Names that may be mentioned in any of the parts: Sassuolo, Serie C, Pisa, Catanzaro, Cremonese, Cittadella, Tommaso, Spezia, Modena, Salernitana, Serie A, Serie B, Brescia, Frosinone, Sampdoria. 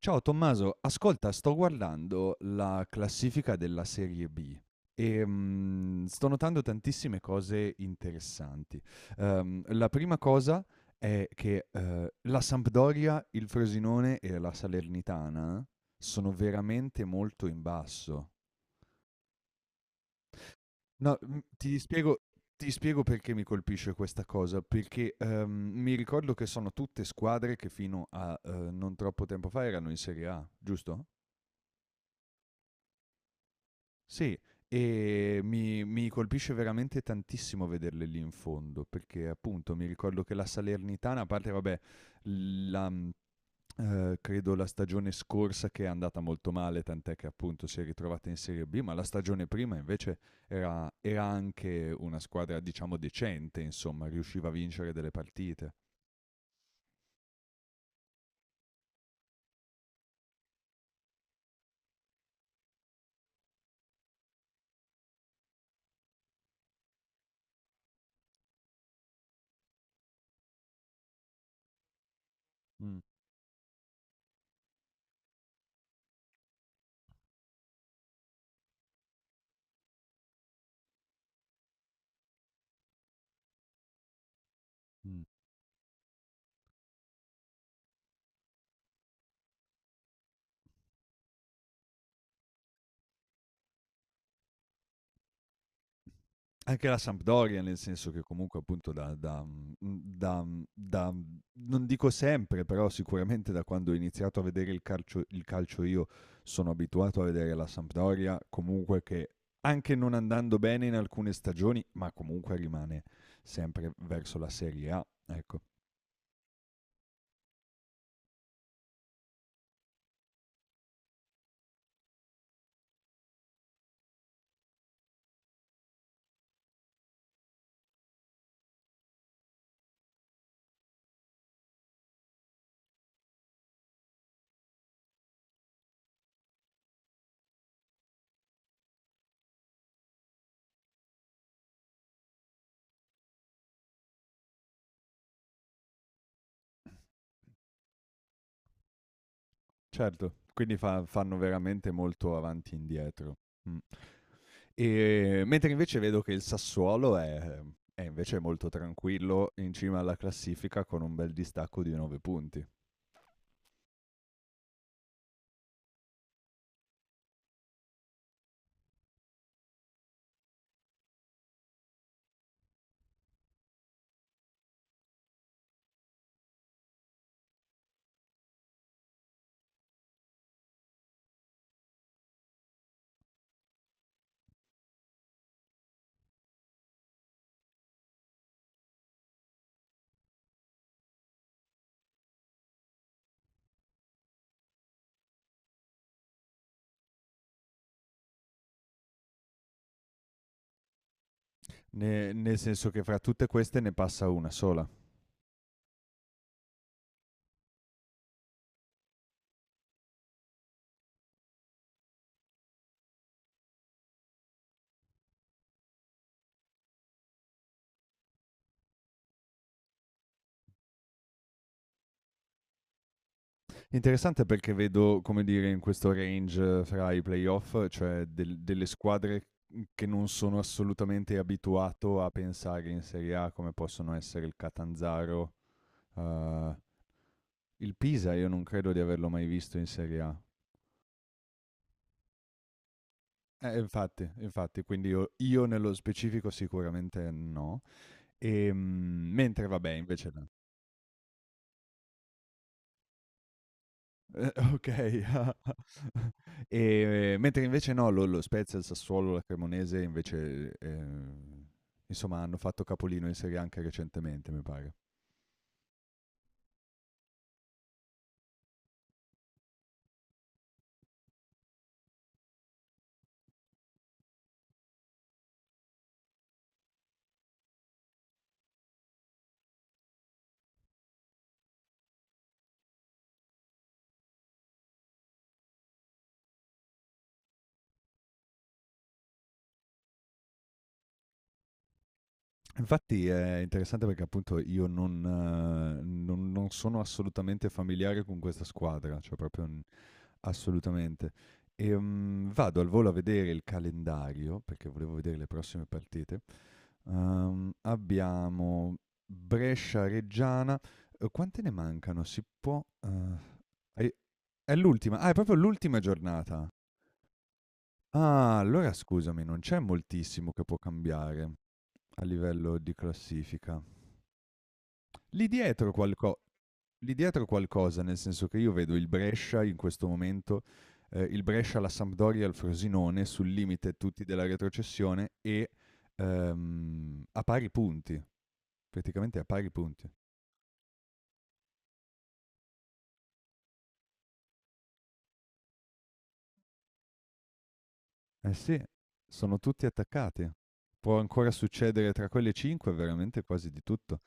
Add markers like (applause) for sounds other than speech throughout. Ciao Tommaso, ascolta, sto guardando la classifica della Serie B e sto notando tantissime cose interessanti. La prima cosa è che la Sampdoria, il Frosinone e la Salernitana sono veramente molto in basso. No, mm, ti spiego perché mi colpisce questa cosa, perché mi ricordo che sono tutte squadre che fino a non troppo tempo fa erano in Serie A, giusto? Sì, e mi colpisce veramente tantissimo vederle lì in fondo, perché appunto mi ricordo che la Salernitana, a parte vabbè, la mhmm, credo la stagione scorsa che è andata molto male, tant'è che appunto si è ritrovata in Serie B, ma la stagione prima invece era anche una squadra diciamo decente, insomma, riusciva a vincere delle partite. Mh, mh. Anche la Sampdoria, nel senso che comunque appunto non dico sempre, però sicuramente da quando ho iniziato a vedere il calcio, io sono abituato a vedere la Sampdoria comunque che anche non andando bene in alcune stagioni, ma comunque rimane sempre verso la Serie A, ecco. Certo, quindi fanno veramente molto avanti e indietro. Mm. Mentre invece vedo che il Sassuolo è invece molto tranquillo in cima alla classifica con un bel distacco di 9 punti. Ne nel senso che fra tutte queste ne passa una sola. Interessante perché vedo, come dire, in questo range fra i playoff, cioè delle squadre, che non sono assolutamente abituato a pensare in Serie A, come possono essere il Catanzaro, uhm, il Pisa io non credo di averlo mai visto in Serie A. Infatti, infatti, quindi io nello specifico sicuramente no. Ehm, Mentre vabbè, invece no. Okay. (laughs) E mentre invece no, lo Spezia, il Sassuolo, la Cremonese invece, insomma hanno fatto capolino in Serie A anche recentemente, mi pare. Infatti è interessante perché appunto io non non sono assolutamente familiare con questa squadra, cioè proprio assolutamente. Vado al volo a vedere il calendario, perché volevo vedere le prossime partite. Abbiamo Brescia-Reggiana. Quante ne mancano? Si può... hai- è l'ultima. Ah, è proprio l'ultima giornata. Ah, allora scusami, non c'è moltissimo che può cambiare a livello di classifica. Lì dietro qualco Lì dietro qualcosa, nel senso che io vedo il Brescia in questo momento, il Brescia, la Sampdoria e il Frosinone sul limite tutti della retrocessione e, a pari punti, praticamente a pari punti. Eh sì, sono tutti attaccati. Può ancora succedere tra quelle 5 veramente quasi di tutto.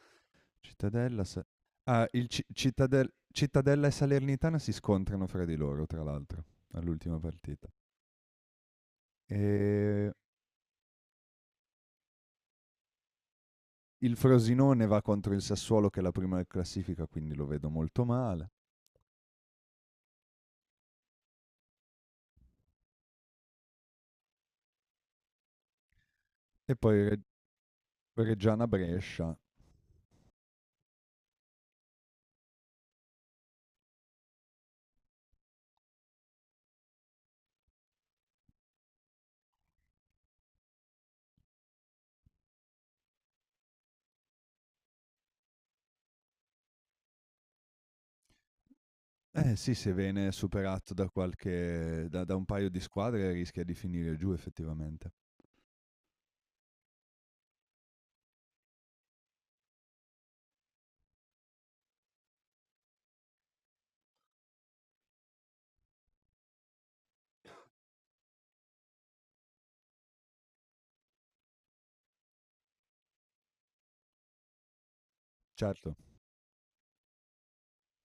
Cittadella, Sa ah, il Ci Cittadel Cittadella e Salernitana si scontrano fra di loro, tra l'altro, all'ultima partita. Ehm Il Frosinone va contro il Sassuolo che è la prima in classifica, quindi lo vedo molto male. E poi Reggiana-Brescia. Eh sì, se viene superato da da un paio di squadre rischia di finire giù effettivamente. Certo,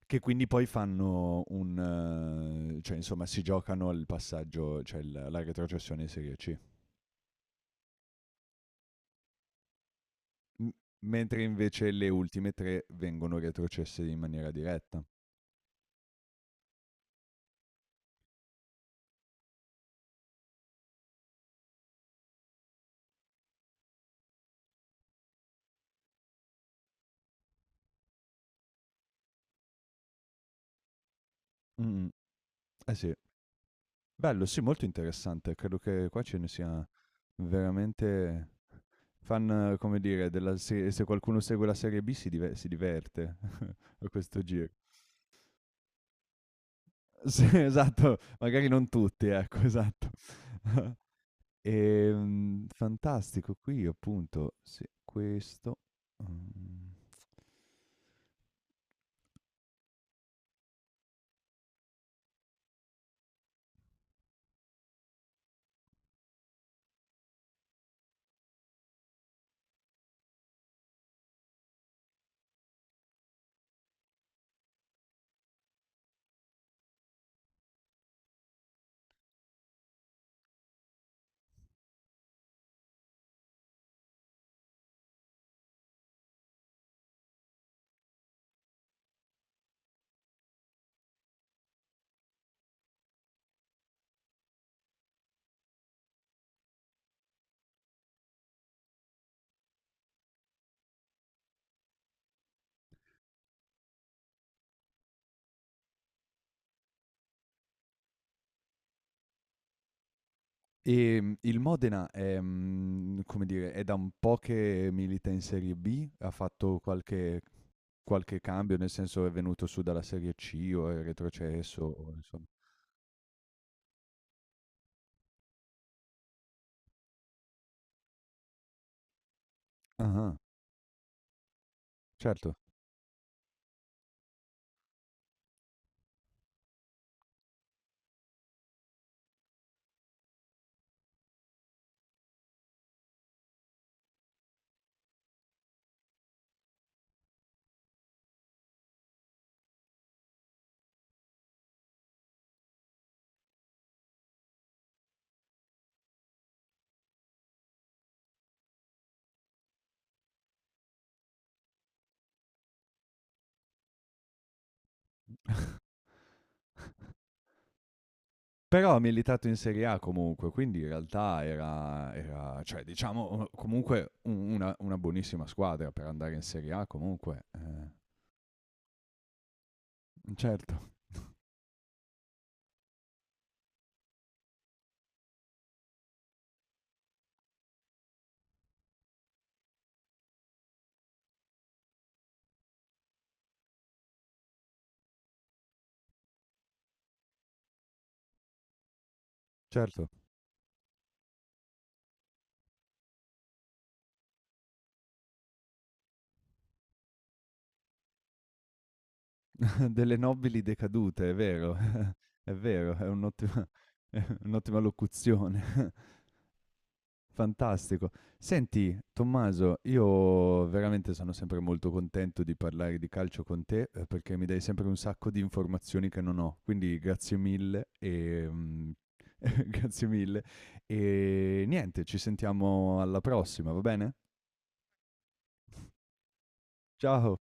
che quindi poi fanno un, cioè insomma si giocano il passaggio, cioè la retrocessione in Serie C. M- Mentre invece le ultime tre vengono retrocesse in maniera diretta. Mm, eh sì, bello, sì, molto interessante. Credo che qua ce ne sia veramente come dire, della se qualcuno segue la Serie B si diverte (laughs) a questo giro. (laughs) Sì, esatto, magari non tutti, ecco, esatto. (laughs) Fantastico, qui appunto, sì, mhmm, il Modena è, come dire, è da un po' che milita in Serie B? Ha fatto qualche cambio, nel senso è venuto su dalla Serie C o è retrocesso o insomma ah-ah, certo. (laughs) Però ha militato in Serie A comunque, quindi in realtà cioè, diciamo, comunque una buonissima squadra per andare in Serie A comunque. Eh, certo, certo. (laughs) Delle nobili decadute, è vero, è vero, è un'ottima, (laughs) è un'ottima locuzione. Fantastico. Senti, Tommaso, io veramente sono sempre molto contento di parlare di calcio con te perché mi dai sempre un sacco di informazioni che non ho, quindi grazie mille (laughs) grazie mille e niente, ci sentiamo alla prossima, va bene? Ciao!